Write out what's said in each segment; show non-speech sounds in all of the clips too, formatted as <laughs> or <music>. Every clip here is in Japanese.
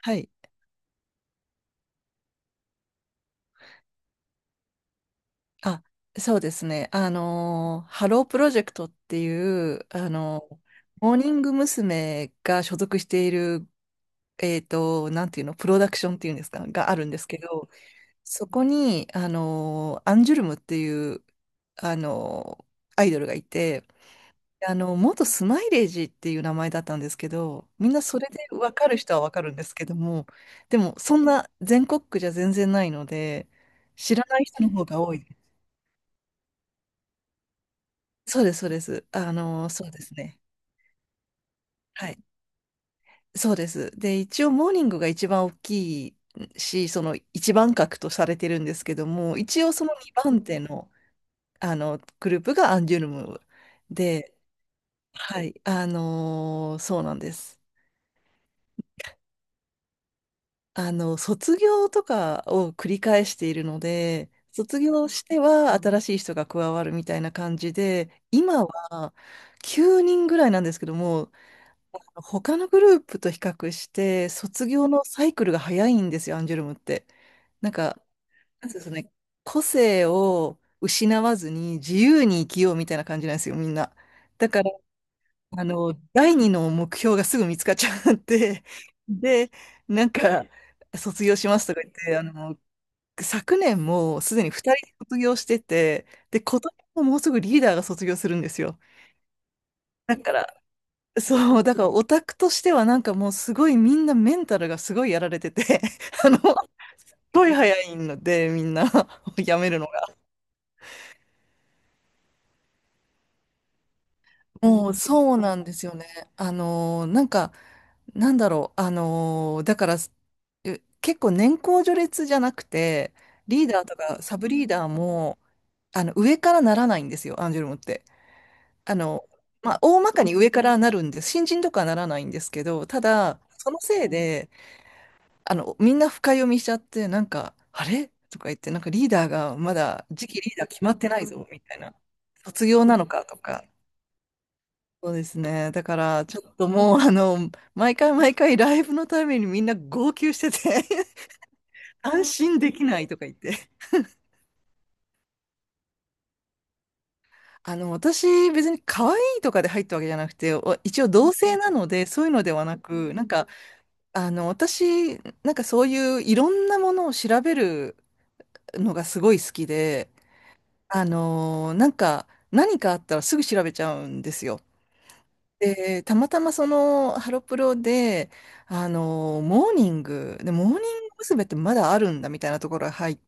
はい。あ、そうですね。ハロープロジェクトっていう、モーニング娘。が所属している、なんていうの、プロダクションっていうんですか、があるんですけど、そこに、アンジュルムっていう、あのー、アイドルがいて、あの、元スマイレージっていう名前だったんですけど、みんなそれで分かる人は分かるんですけども、でも、そんな全国区じゃ全然ないので、知らない人の方が多い。そうです、そうです。あの、そうですね。はい。そうです。で、一応、モーニングが一番大きいし、その一番格とされてるんですけども、一応その2番手の、あのグループがアンジュルムで、はい、そうなんです。あの、卒業とかを繰り返しているので、卒業しては新しい人が加わるみたいな感じで、今は9人ぐらいなんですけども、他のグループと比較して、卒業のサイクルが早いんですよ、アンジュルムって。なんか、なんていうんですかね、個性を失わずに自由に生きようみたいな感じなんですよ、みんな。だから、あの、第二の目標がすぐ見つかっちゃって、で、なんか、卒業しますとか言って、あの、昨年もすでに二人卒業してて、で、今年ももうすぐリーダーが卒業するんですよ。だから、そう、だからオタクとしてはなんかもうすごいみんなメンタルがすごいやられてて <laughs> あの、すっごい早いのでみんな <laughs> やめるのが。もうそうなんですよね。だから、結構年功序列じゃなくて、リーダーとかサブリーダーも、あの、上からならないんですよ、アンジュルムって。あの、まあ、大まかに上からなるんです。新人とかはならないんですけど、ただ、そのせいで、あの、みんな深読みしちゃって、なんか、あれとか言って、なんかリーダーがまだ次期リーダー決まってないぞ、みたいな。卒業なのかとか。そうですね。だから、ちょっともう、あの、毎回毎回ライブのためにみんな号泣してて <laughs> 安心できないとか言って。あの、私、別に可愛いとかで入ったわけじゃなくて、一応同性なので、そういうのではなく、私、なんかそういういろんなものを調べるのがすごい好きで、あのーなんか、何かあったらすぐ調べちゃうんですよ。で、たまたまそのハロプロで、モーニング娘。ってまだあるんだみたいなところが入っ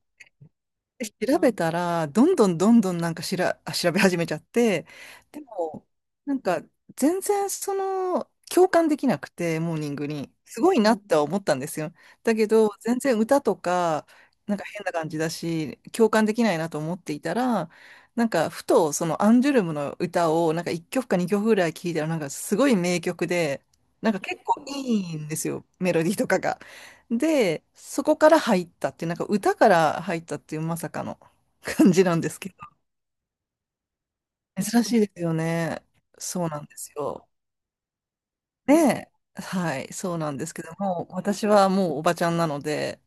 で調べたら、どんどんどんどんなんかしら、調べ始めちゃって、でも、なんか全然その、共感できなくて、モーニングに。すごいなっては思ったんですよ。だけど、全然歌とか、なんか変な感じだし、共感できないなと思っていたら、なんかふとそのアンジュルムの歌を、なんか1曲か2曲ぐらい聴いたら、なんかすごい名曲で、なんか結構いいんですよ、メロディーとかが。で、そこから入ったっていう、なんか歌から入ったっていうまさかの <laughs> 感じなんですけど。珍しいですよね。そうなんですよ。で、はい、そうなんですけども、私はもうおばちゃんなので、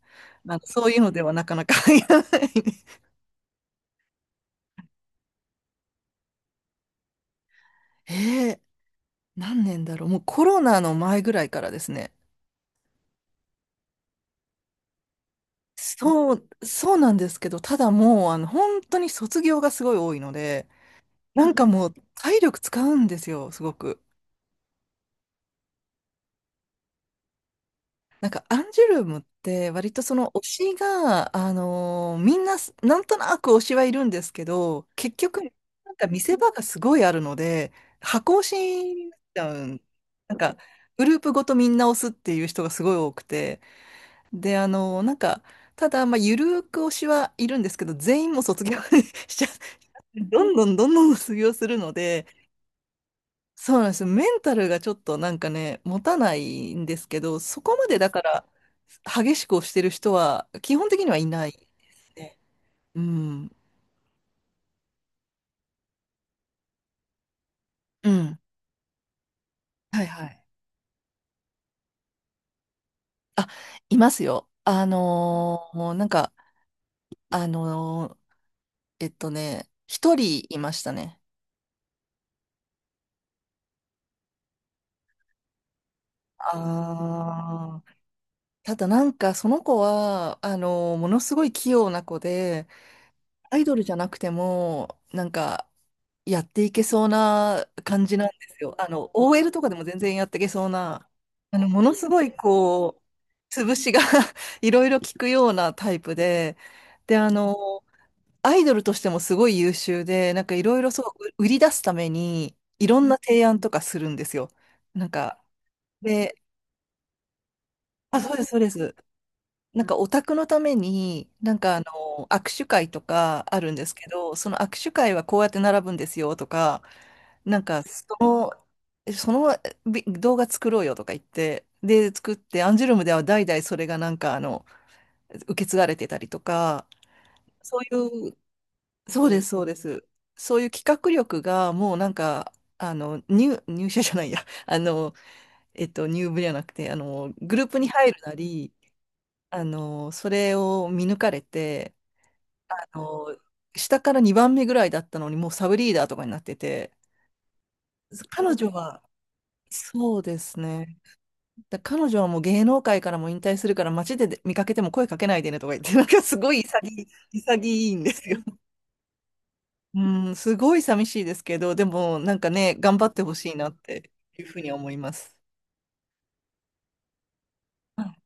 なんかそういうのではなかなか入らない。<laughs> えー、何年だろう。もうコロナの前ぐらいからですね。そうなんですけど、ただもう、あの、本当に卒業がすごい多いので、なんかもう体力使うんですよ、すごく。なんかアンジュルムって割とその推しが、みんななんとなく推しはいるんですけど、結局なんか見せ場がすごいあるので、箱推しになっちゃうん。なんかグループごとみんな推すっていう人がすごい多くて、で、あのーなんか、ただ、まあ、ゆるーく推しはいるんですけど、全員も卒業 <laughs> しちゃう。どんどんどんどん卒業するので、そうなんですよ。メンタルがちょっとなんかね、持たないんですけど、そこまでだから、激しく押してる人は、基本的にはいないですね。うん。うん。はいはい。あ、いますよ。あのーえっとね、一人いましたね。ああ。ただなんか、その子は、ものすごい器用な子で、アイドルじゃなくても、なんか、やっていけそうな感じなんですよ。あの、OL とかでも全然やっていけそうな、あの、ものすごいこう、潰しが <laughs> いろいろ効くようなタイプで、で、あの、アイドルとしてもすごい優秀で、いろいろそう、売り出すために、いろんな提案とかするんですよ。なんか、で、あ、そうです、そうです。なんかオタクのために、なんかあの、握手会とかあるんですけど、その握手会はこうやって並ぶんですよとか、なんかそのえその動画作ろうよとか言って、で、作って、アンジュルムでは代々それがなんかあの、受け継がれてたりとか、そういう、そうです、そうです。そういう企画力がもうなんか、あの、入社じゃないや、<laughs> あの、入部じゃなくて、あの、グループに入るなり、あの、それを見抜かれて、あの、下から2番目ぐらいだったのに、もうサブリーダーとかになってて、彼女は、そうですね。だから彼女はもう芸能界からも引退するから街で見かけても声かけないでねとか言って、なんかすごい潔い、潔いんですよ。うん、すごい寂しいですけど、でもなんかね、頑張ってほしいなっていうふうに思います。はい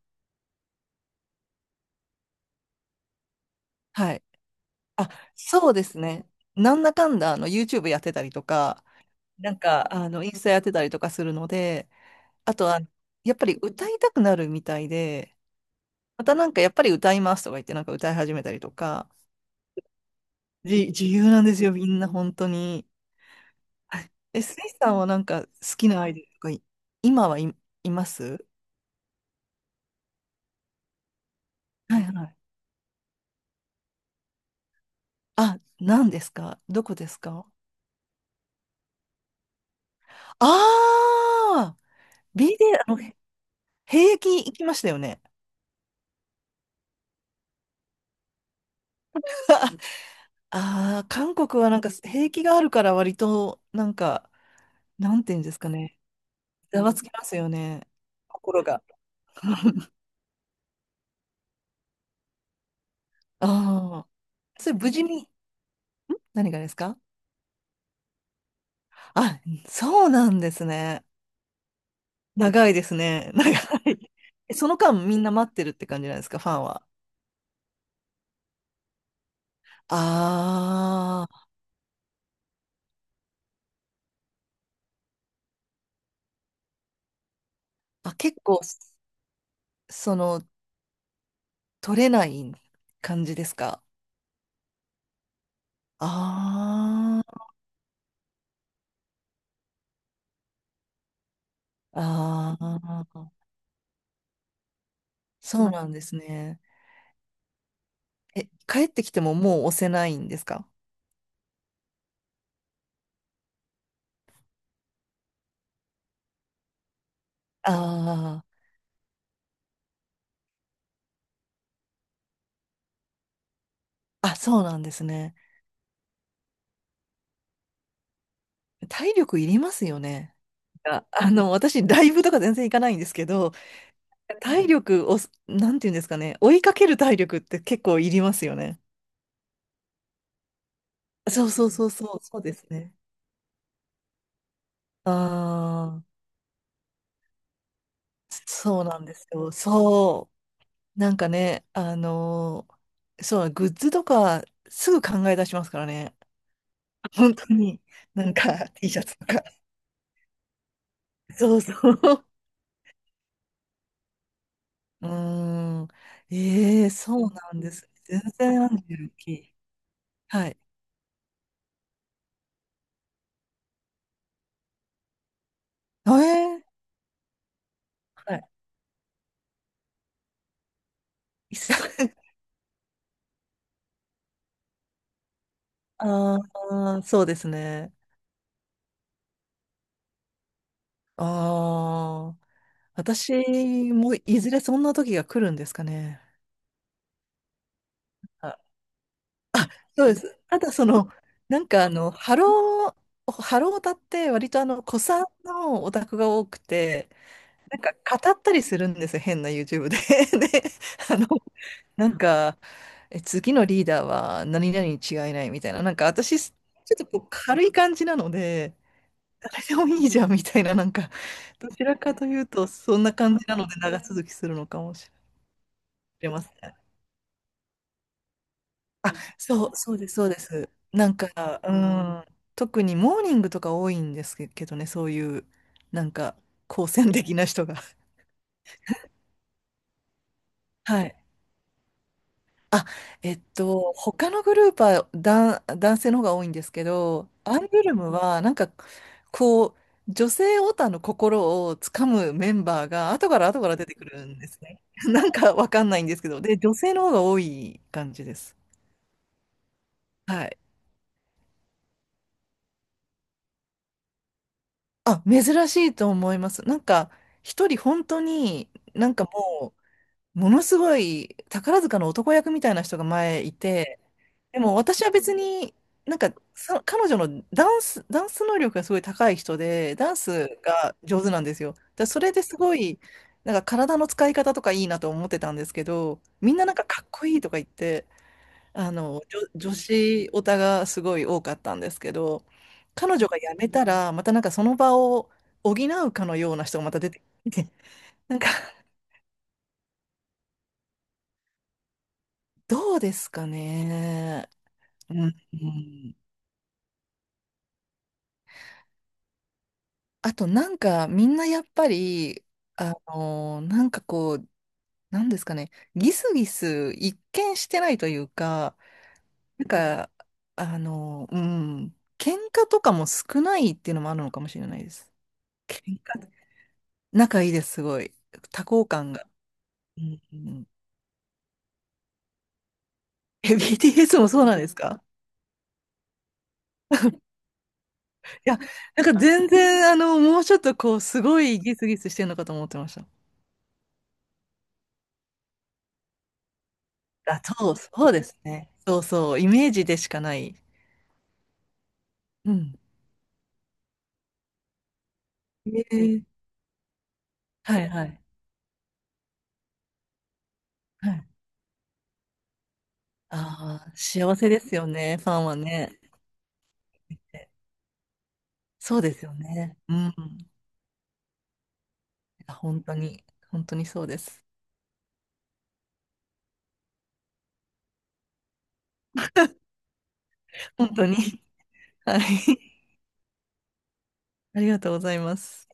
はい。あ、そうですね。なんだかんだあの YouTube やってたりとか、なんかあのインスタやってたりとかするので、あとはやっぱり歌いたくなるみたいで、またなんかやっぱり歌いますとか言ってなんか歌い始めたりとか、自由なんですよ、みんな本当に。え、スイさんはなんか好きなアイドルとかい、今はい、いますはいはい。あ、何ですかどこですかああービデオあの、兵役行きましたよね。<laughs> ああ、韓国はなんか兵役があるから割と、なんか、なんていうんですかね。ざわつきますよね。心が。<laughs> ああ。それ無事に、何がですかあ、そうなんですね。長いですね。<laughs> 長い。えその間みんな待ってるって感じなんですか、ファンは。あーあ、結構、その、取れない感じですか。あーあー、そうなんですね。え、帰ってきてももう押せないんですかああー、あ、そうなんですね。体力いりますよね。あ、私、ライブとか全然行かないんですけど、体力を、なんていうんですかね、追いかける体力って結構いりますよね。そうそうそうそう、そうですね。ああ、そうなんですよ。そう。グッズとかすぐ考え出しますからね。<laughs> 本当に。なんか T シャツとか。<laughs> そうそう。うーん。ええ、そうなんですね。全然アンジェルキー。はい。ええ、はい。いっさい。 <laughs> ああ、そうですね。ああ、私もいずれそんな時が来るんですかね。あ、そうです。ただその、なんかあの、ハロー、ハロータって割と、古参のオタクが多くて、なんか語ったりするんですよ、変な YouTube で。<laughs> で、あの、なんか、次のリーダーは何々に違いないみたいな、なんか私、ちょっとこう軽い感じなので、誰でもいいじゃんみたいな、どちらかというと、そんな感じなので長続きするのかもしれません。あ、そう、そうです、そうです。う特にモーニングとか多いんですけどね、そういう、なんか、好戦的な人が。<laughs> はい。あ、えっと、他のグループは男性の方が多いんですけど、アイドルムは、こう、女性オタの心をつかむメンバーが、後から後から出てくるんですね。<laughs> なんかわかんないんですけど、で、女性の方が多い感じです。はい。あ、珍しいと思います。なんか、一人本当に、なんかもものすごい宝塚の男役みたいな人が前いて、でも私は別に、彼女のダンス能力がすごい高い人で、ダンスが上手なんですよ。だからそれですごい、なんか体の使い方とかいいなと思ってたんですけど、みんななんかかっこいいとか言って、女子オタがすごい多かったんですけど、彼女が辞めたら、またなんかその場を補うかのような人がまた出てきて。<laughs> なんか、どうですかね。うん、うん。あとなんか、みんなやっぱり、あの、なんかこう、なんですかね、ギスギス一見してないというか、なんか、喧嘩とかも少ないっていうのもあるのかもしれないです。喧嘩、仲いいです、すごい。多幸感が。うんうん、え、BTS もそうなんですか。いや、なんか全然、もうちょっとこう、すごいギスギスしてるのかと思ってました。あ、そう、そうですね。そうそう、イメージでしかない。うん。ええ、はいはい。はい。ああ、幸せですよね、ファンはね。そうですよね。うん。いや本当に、本当にそうです。本当に。はい。<laughs> ありがとうございます。